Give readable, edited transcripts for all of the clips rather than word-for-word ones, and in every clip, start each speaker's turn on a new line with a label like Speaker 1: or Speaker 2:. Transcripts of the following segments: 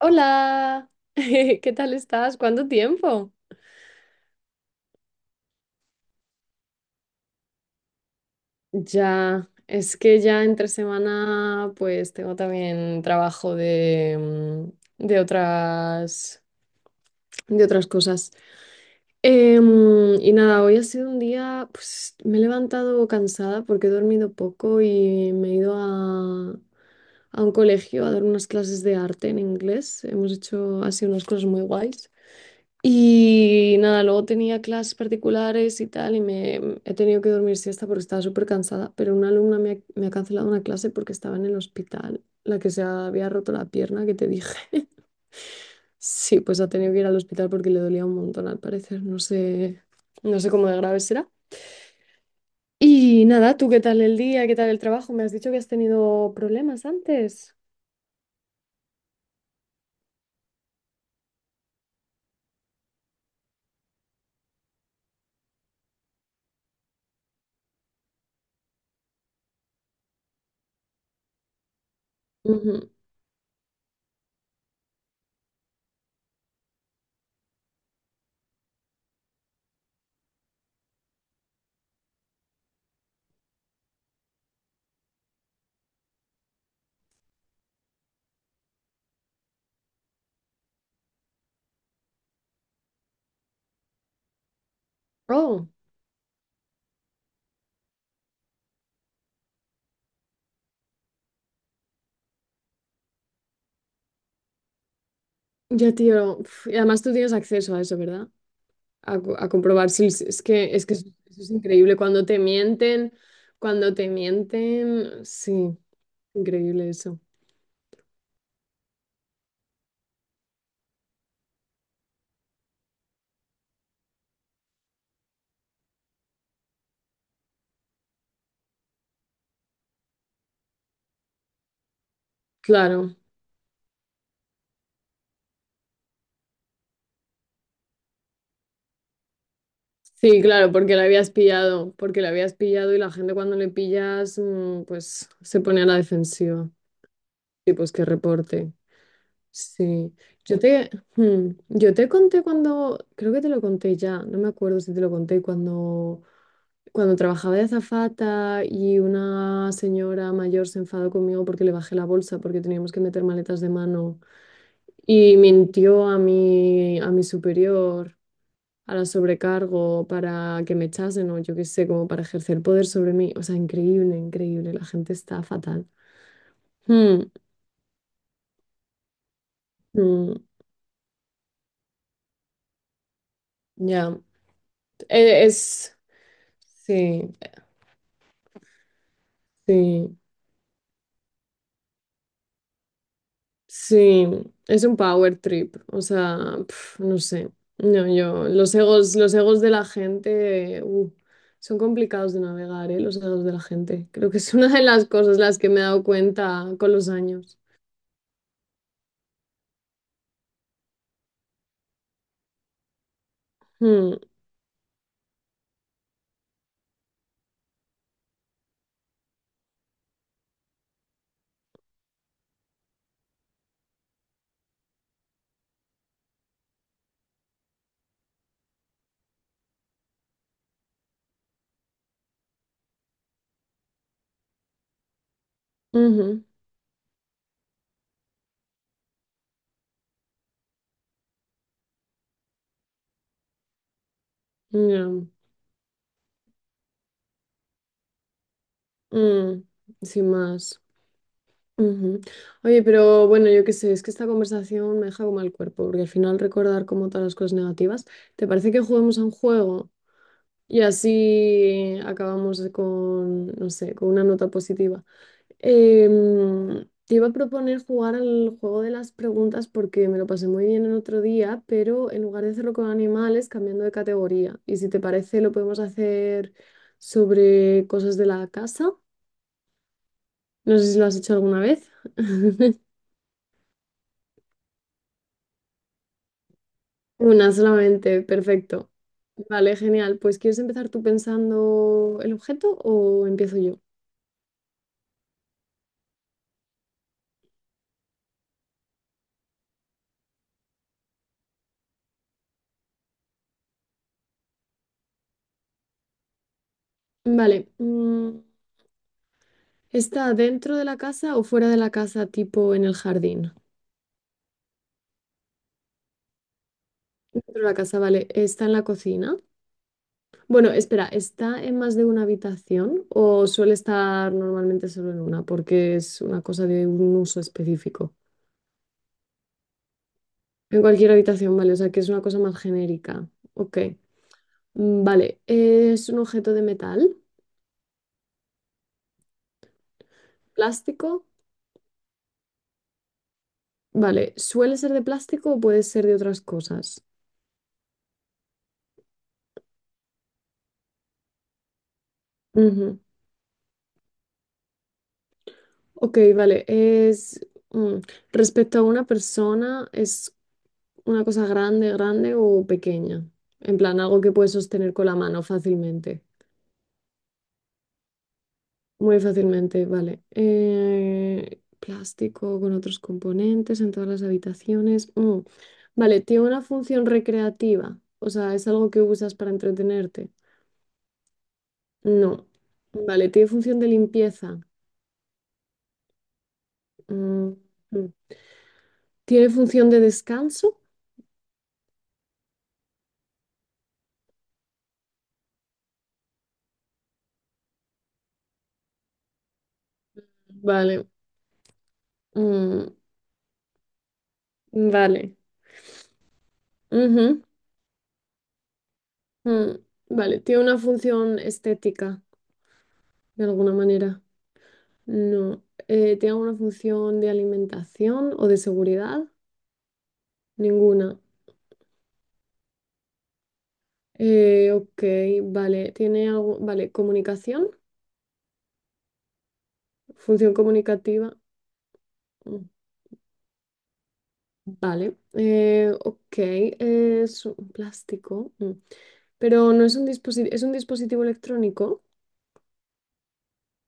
Speaker 1: Hola, ¿qué tal estás? ¿Cuánto tiempo? Ya, es que ya entre semana pues tengo también trabajo de otras, de otras cosas. Y nada, hoy ha sido un día, pues me he levantado cansada porque he dormido poco y me he ido a un colegio a dar unas clases de arte en inglés. Hemos hecho así unas cosas muy guays. Y nada, luego tenía clases particulares y tal, y he tenido que dormir siesta porque estaba súper cansada, pero una alumna me ha cancelado una clase porque estaba en el hospital, la que se había roto la pierna que te dije. Sí, pues ha tenido que ir al hospital porque le dolía un montón al parecer, no sé, no sé cómo de grave será. Y nada, ¿tú qué tal el día? ¿Qué tal el trabajo? Me has dicho que has tenido problemas antes. Ujú. Oh, ya tío, uf, y además tú tienes acceso a eso, ¿verdad? A comprobar si es que eso es increíble. Cuando te mienten, sí, increíble eso. Claro, sí, claro, porque lo habías pillado, porque lo habías pillado y la gente cuando le pillas, pues se pone a la defensiva. Sí, pues que reporte. Sí, yo te, yo te conté cuando, creo que te lo conté ya, no me acuerdo si te lo conté, cuando trabajaba de azafata y una señora mayor se enfadó conmigo porque le bajé la bolsa porque teníamos que meter maletas de mano y mintió a mi superior, a la sobrecargo para que me echasen o yo qué sé, como para ejercer poder sobre mí. O sea, increíble, increíble, la gente está fatal. Hmm, hmm, ya, Eh, es, sí. Sí, sí, es un power trip, o sea, pf, no sé, no, yo, los egos de la gente, son complicados de navegar, ¿eh? Los egos de la gente, creo que es una de las cosas las que me he dado cuenta con los años. Mm, ujú, ya, mm, sin más. Ujú. Oye, pero bueno, yo qué sé, es que esta conversación me deja como el cuerpo, porque al final recordar como todas las cosas negativas, ¿te parece que juguemos a un juego? Y así acabamos con, no sé, con una nota positiva. Te iba a proponer jugar al juego de las preguntas porque me lo pasé muy bien el otro día, pero en lugar de hacerlo con animales, cambiando de categoría. Y si te parece, lo podemos hacer sobre cosas de la casa. No sé si lo has hecho alguna vez. Una solamente, perfecto. Vale, genial. Pues ¿quieres empezar tú pensando el objeto o empiezo yo? Vale. ¿Está dentro de la casa o fuera de la casa, tipo en el jardín? Dentro de la casa, vale. ¿Está en la cocina? Bueno, espera, ¿está en más de una habitación o suele estar normalmente solo en una? Porque es una cosa de un uso específico. En cualquier habitación, vale, o sea que es una cosa más genérica. Ok. Vale. ¿Es un objeto de metal? ¿Plástico? Vale, ¿suele ser de plástico o puede ser de otras cosas? Ujú. Ok, vale. Mm, Respecto a una persona, es ¿una cosa grande, grande o pequeña? En plan, algo que puedes sostener con la mano fácilmente. Muy fácilmente, vale. Plástico con otros componentes en todas las habitaciones. Mm. Vale, ¿tiene una función recreativa? O sea, ¿es algo que usas para entretenerte? No. Vale, ¿tiene función de limpieza? Mm, mm. ¿Tiene función de descanso? Vale. mm, Vale. Ujú, mm. Vale, ¿tiene una función estética? De alguna manera. No. ¿Tiene alguna función de alimentación o de seguridad? Ninguna. Ok, vale. ¿Tiene algo? Vale, comunicación, función comunicativa. Mm, Vale. Ok, es un plástico. Mm. Pero no es un dispositivo, es un dispositivo electrónico.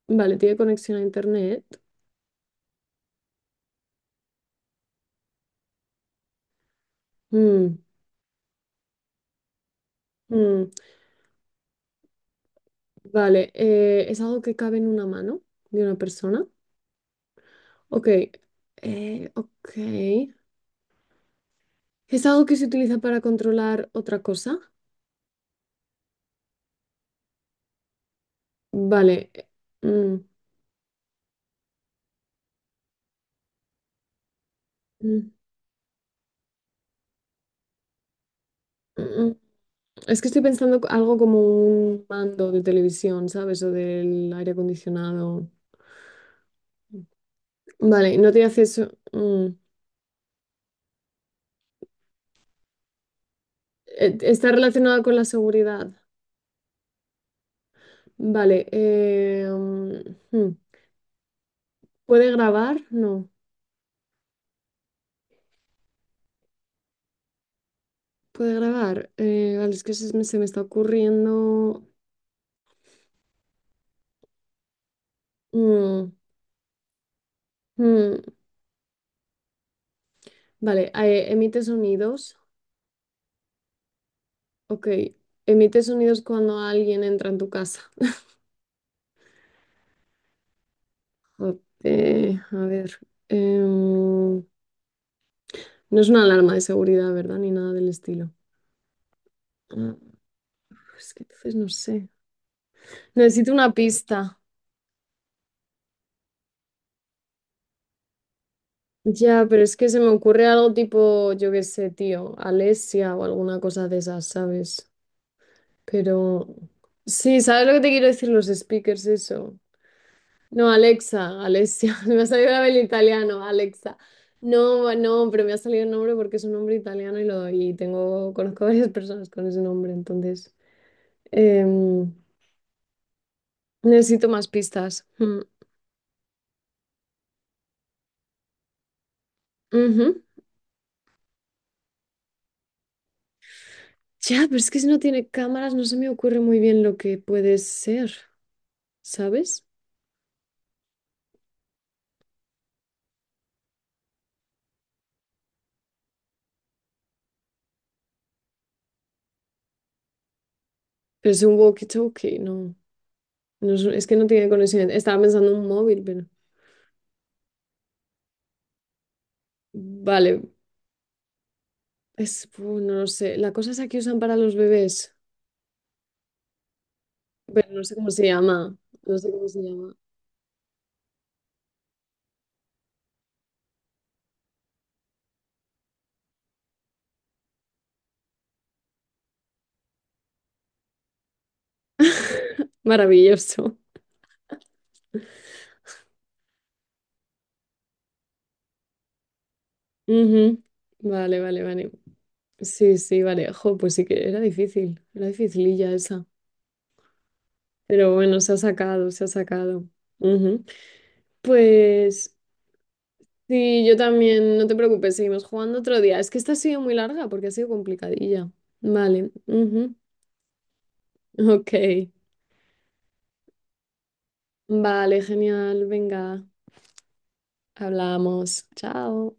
Speaker 1: Vale, tiene conexión a internet. Mm, mm. Vale, es algo que cabe en una mano de una persona. Ok, ok. ¿Es algo que se utiliza para controlar otra cosa? Vale. Mm, mm, mm, mm. Es que estoy pensando algo como un mando de televisión, ¿sabes? O del aire acondicionado. Vale, no tiene acceso. Mm. Está relacionado con la seguridad. Vale. Mm, mm. ¿Puede grabar? No. ¿Puede grabar? Vale, es que se me está ocurriendo. Mm, mm. Vale, emite sonidos. Ok, emite sonidos cuando alguien entra en tu casa. A ver, em, no es una alarma de seguridad, ¿verdad? Ni nada del estilo. Mm, Es que entonces no sé. Necesito una pista. Ya, pero es que se me ocurre algo tipo, yo qué sé, tío, Alesia o alguna cosa de esas, ¿sabes? Pero sí, ¿sabes lo que te quiero decir? Los speakers, eso. No, Alexa, Alessia, me ha salido el italiano, Alexa. No, no, pero me ha salido el nombre porque es un nombre italiano y lo y tengo, conozco a varias personas con ese nombre, entonces em, necesito más pistas. Mm, ujú. Ya, pero es que si no tiene cámaras no se me ocurre muy bien lo que puede ser, ¿sabes? Pero es un walkie-talkie, no, no es, es que no tiene conexión. Estaba pensando en un móvil, pero vale, es, no lo sé. La cosa es que usan para los bebés. Pero no sé cómo se llama, no sé cómo se llama. Maravilloso. Ujú. Vale, vale, vale. Sí, sí, vale. Jo, pues sí que era difícil, era dificililla esa. Pero bueno, se ha sacado, se ha sacado. Ujú. Pues sí, yo también, no te preocupes, seguimos jugando otro día. Es que esta ha sido muy larga porque ha sido complicadilla. Vale, ujú. Ok. Vale, genial, venga, hablamos. Chao.